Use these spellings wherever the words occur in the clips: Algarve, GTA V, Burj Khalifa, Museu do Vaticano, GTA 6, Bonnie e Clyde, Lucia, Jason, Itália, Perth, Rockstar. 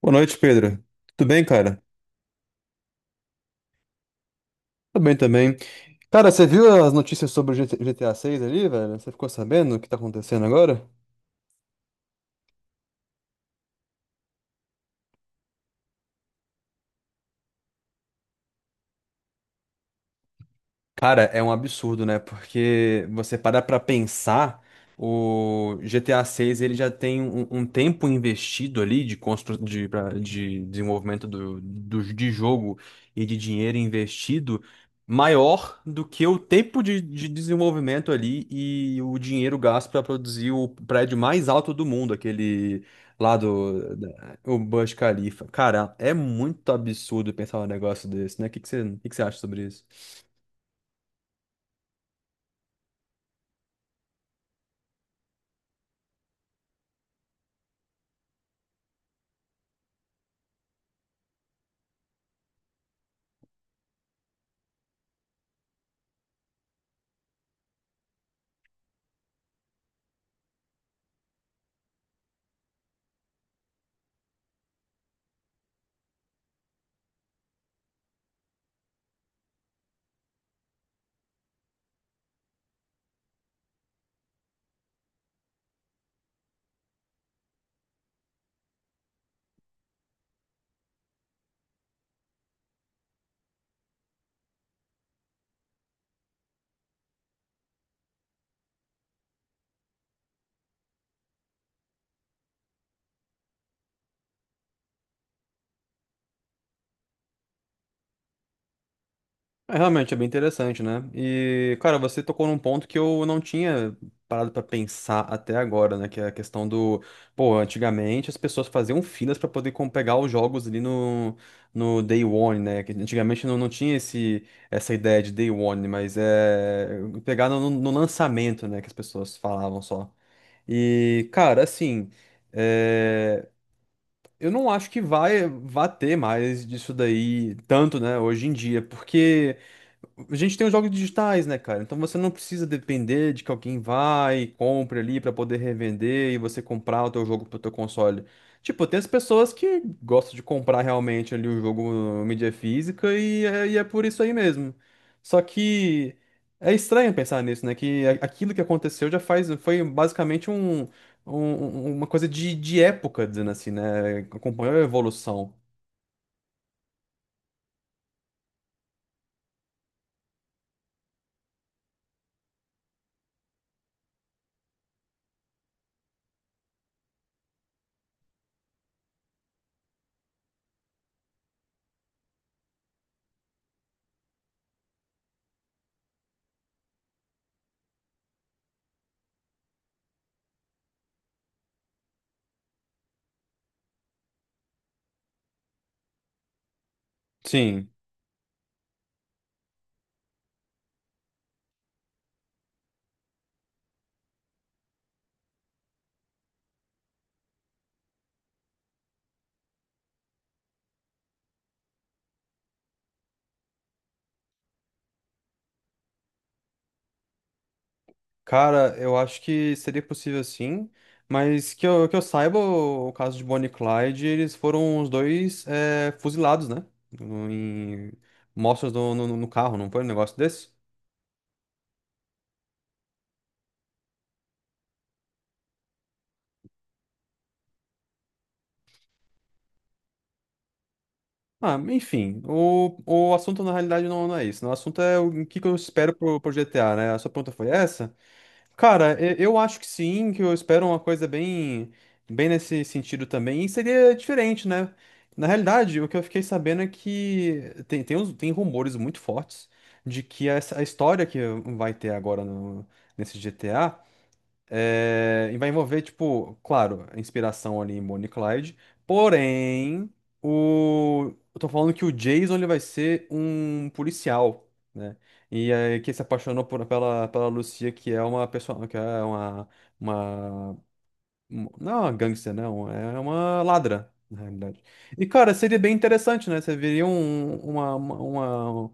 Boa noite, Pedro. Tudo bem, cara? Tudo bem também. Cara, você viu as notícias sobre o GTA 6 ali, velho? Você ficou sabendo o que tá acontecendo agora? Cara, é um absurdo, né? Porque você para pra pensar, o GTA 6 ele já tem um tempo investido ali de, de desenvolvimento de jogo e de dinheiro investido maior do que o tempo de desenvolvimento ali e o dinheiro gasto para produzir o prédio mais alto do mundo, aquele lá o Burj Khalifa. Cara, é muito absurdo pensar um negócio desse, né? O que que você acha sobre isso? É, realmente é bem interessante, né? E, cara, você tocou num ponto que eu não tinha parado pra pensar até agora, né? Que é a questão do. Pô, antigamente as pessoas faziam filas pra poder pegar os jogos ali no Day One, né? Que antigamente não tinha essa ideia de Day One, mas é. Pegar no lançamento, né? Que as pessoas falavam só. E, cara, é, eu não acho que vai ter mais disso daí tanto, né, hoje em dia, porque. a gente tem os jogos digitais, né, cara? Então você não precisa depender de que alguém vai, e compre ali pra poder revender e você comprar o teu jogo pro teu console. Tipo, tem as pessoas que gostam de comprar realmente ali o jogo em mídia física e é por isso aí mesmo. Só que é estranho pensar nisso, né? Que aquilo que aconteceu já faz, foi basicamente uma coisa de época, dizendo assim, né? Acompanhou a evolução. Sim. Cara, eu acho que seria possível sim, mas que que eu saiba, o caso de Bonnie e Clyde, eles foram os dois fuzilados, né? Em mostras no carro, não foi um negócio desse? Ah, enfim, o assunto na realidade não é isso, né? O assunto é o que que eu espero pro GTA, né? A sua pergunta foi essa? Cara, eu acho que sim, que eu espero uma coisa bem nesse sentido também, e seria diferente, né? Na realidade, o que eu fiquei sabendo é que tem rumores muito fortes de que a história que vai ter agora no, nesse GTA e vai envolver, tipo, claro, a inspiração ali em Bonnie e Clyde. Porém, eu tô falando que o Jason ele vai ser um policial, né? E aí que se apaixonou pela Lucia, que é uma pessoa, que é uma... um- não é uma gangster, não, é uma ladra, na realidade. E, cara, seria bem interessante, né? Você viria uma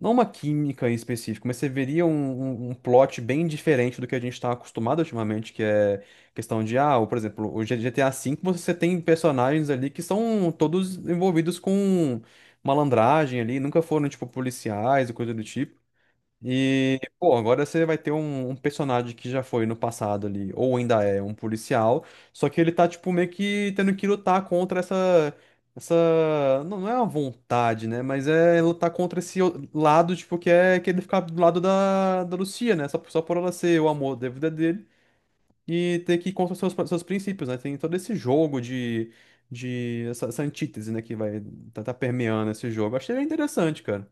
não uma química em específico, mas você veria um plot bem diferente do que a gente está acostumado ultimamente, que é questão de, ah, por exemplo, o GTA V você tem personagens ali que são todos envolvidos com malandragem ali, nunca foram, tipo, policiais e coisa do tipo. E, pô, agora você vai ter um personagem que já foi no passado ali, ou ainda é um policial, só que ele tá, tipo, meio que tendo que lutar contra não não é uma vontade, né, mas é lutar contra esse lado, tipo, que é que ele ficar do lado da Lucia, né, só por ela ser o amor da vida dele e ter que ir contra os seus princípios, né, tem todo esse jogo de essa, essa antítese, né, que vai tá permeando esse jogo. Achei interessante, cara.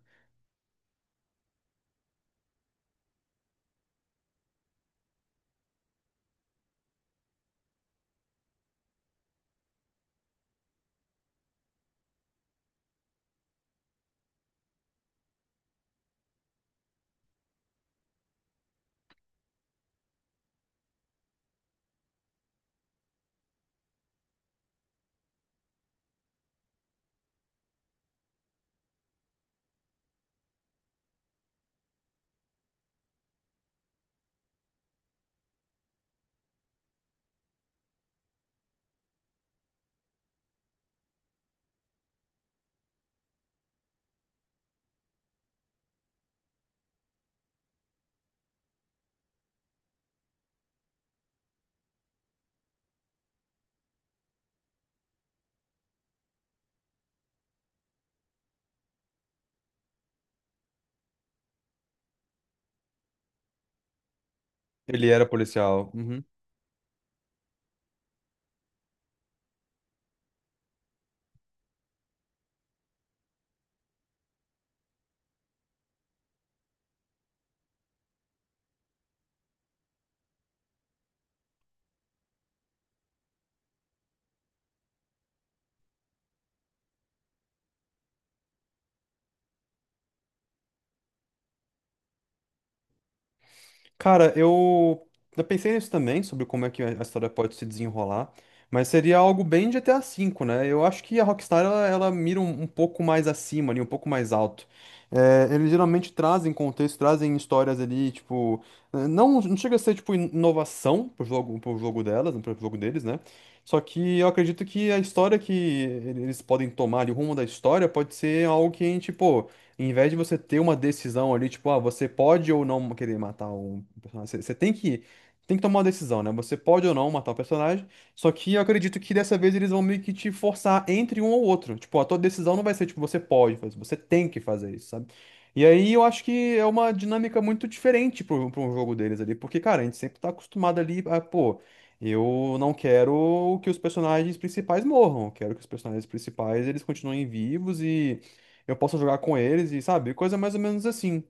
Ele era policial. Uhum. Cara, eu, eu pensei nisso também, sobre como é que a história pode se desenrolar, mas seria algo bem GTA V, né? Eu acho que a Rockstar, ela mira um pouco mais acima ali, um pouco mais alto. É, eles geralmente trazem contexto, trazem histórias ali, não, não chega a ser, tipo, inovação pro jogo, pro jogo deles, né? Só que eu acredito que a história que eles podem tomar ali, o rumo da história, pode ser algo que a gente, pô em vez de você ter uma decisão ali, tipo, ah, você pode ou não querer matar um personagem, você tem que tomar uma decisão, né? Você pode ou não matar o personagem, só que eu acredito que dessa vez eles vão meio que te forçar entre um ou outro. Tipo, a tua decisão não vai ser, tipo, você pode fazer, você tem que fazer isso, sabe? E aí eu acho que é uma dinâmica muito diferente para um jogo deles ali, porque, cara, a gente sempre tá acostumado ali a, pô, eu não quero que os personagens principais morram, eu quero que os personagens principais eles continuem vivos e eu posso jogar com eles e, sabe, coisa mais ou menos assim.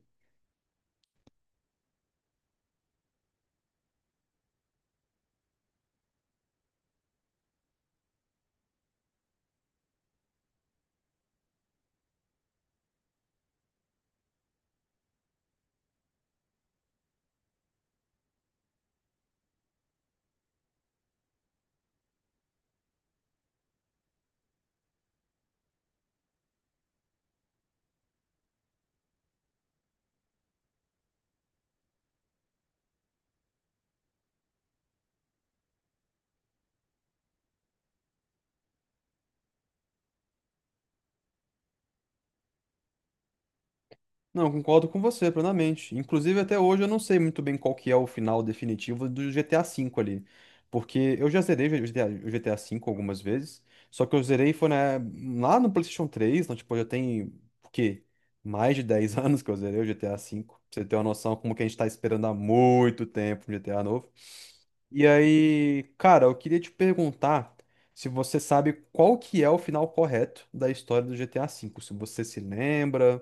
Não, concordo com você plenamente. Inclusive, até hoje eu não sei muito bem qual que é o final definitivo do GTA V ali. Porque eu já zerei o GTA V algumas vezes. Só que eu zerei foi lá no PlayStation 3, então, tipo, já tem, o quê? Mais de 10 anos que eu zerei o GTA V. Pra você ter uma noção como que a gente tá esperando há muito tempo um GTA novo. E aí, cara, eu queria te perguntar se você sabe qual que é o final correto da história do GTA V. Se você se lembra.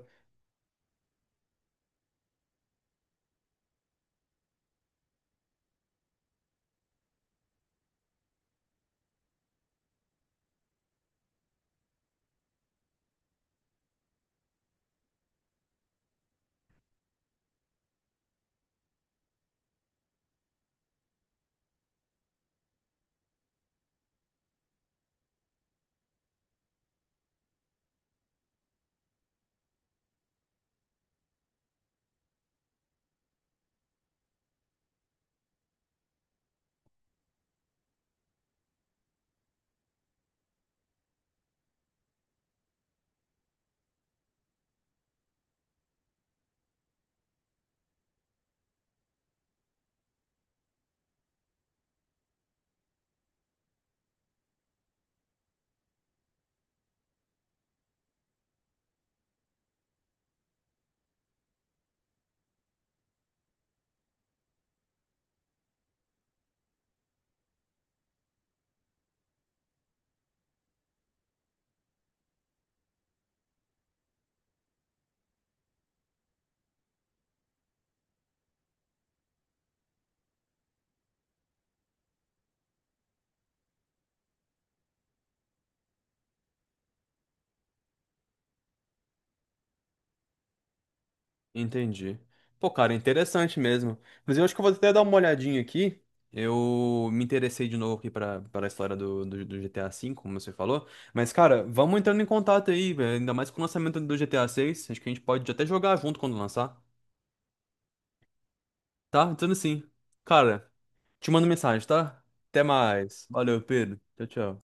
Entendi. Pô, cara, interessante mesmo. Mas eu acho que eu vou até dar uma olhadinha aqui. Eu me interessei de novo aqui pra, pra história do GTA V, como você falou. Mas, cara, vamos entrando em contato aí, velho. Ainda mais com o lançamento do GTA seis. Acho que a gente pode até jogar junto quando lançar. Tá? Então, assim. Cara, te mando mensagem, tá? Até mais. Valeu, Pedro. Tchau, tchau.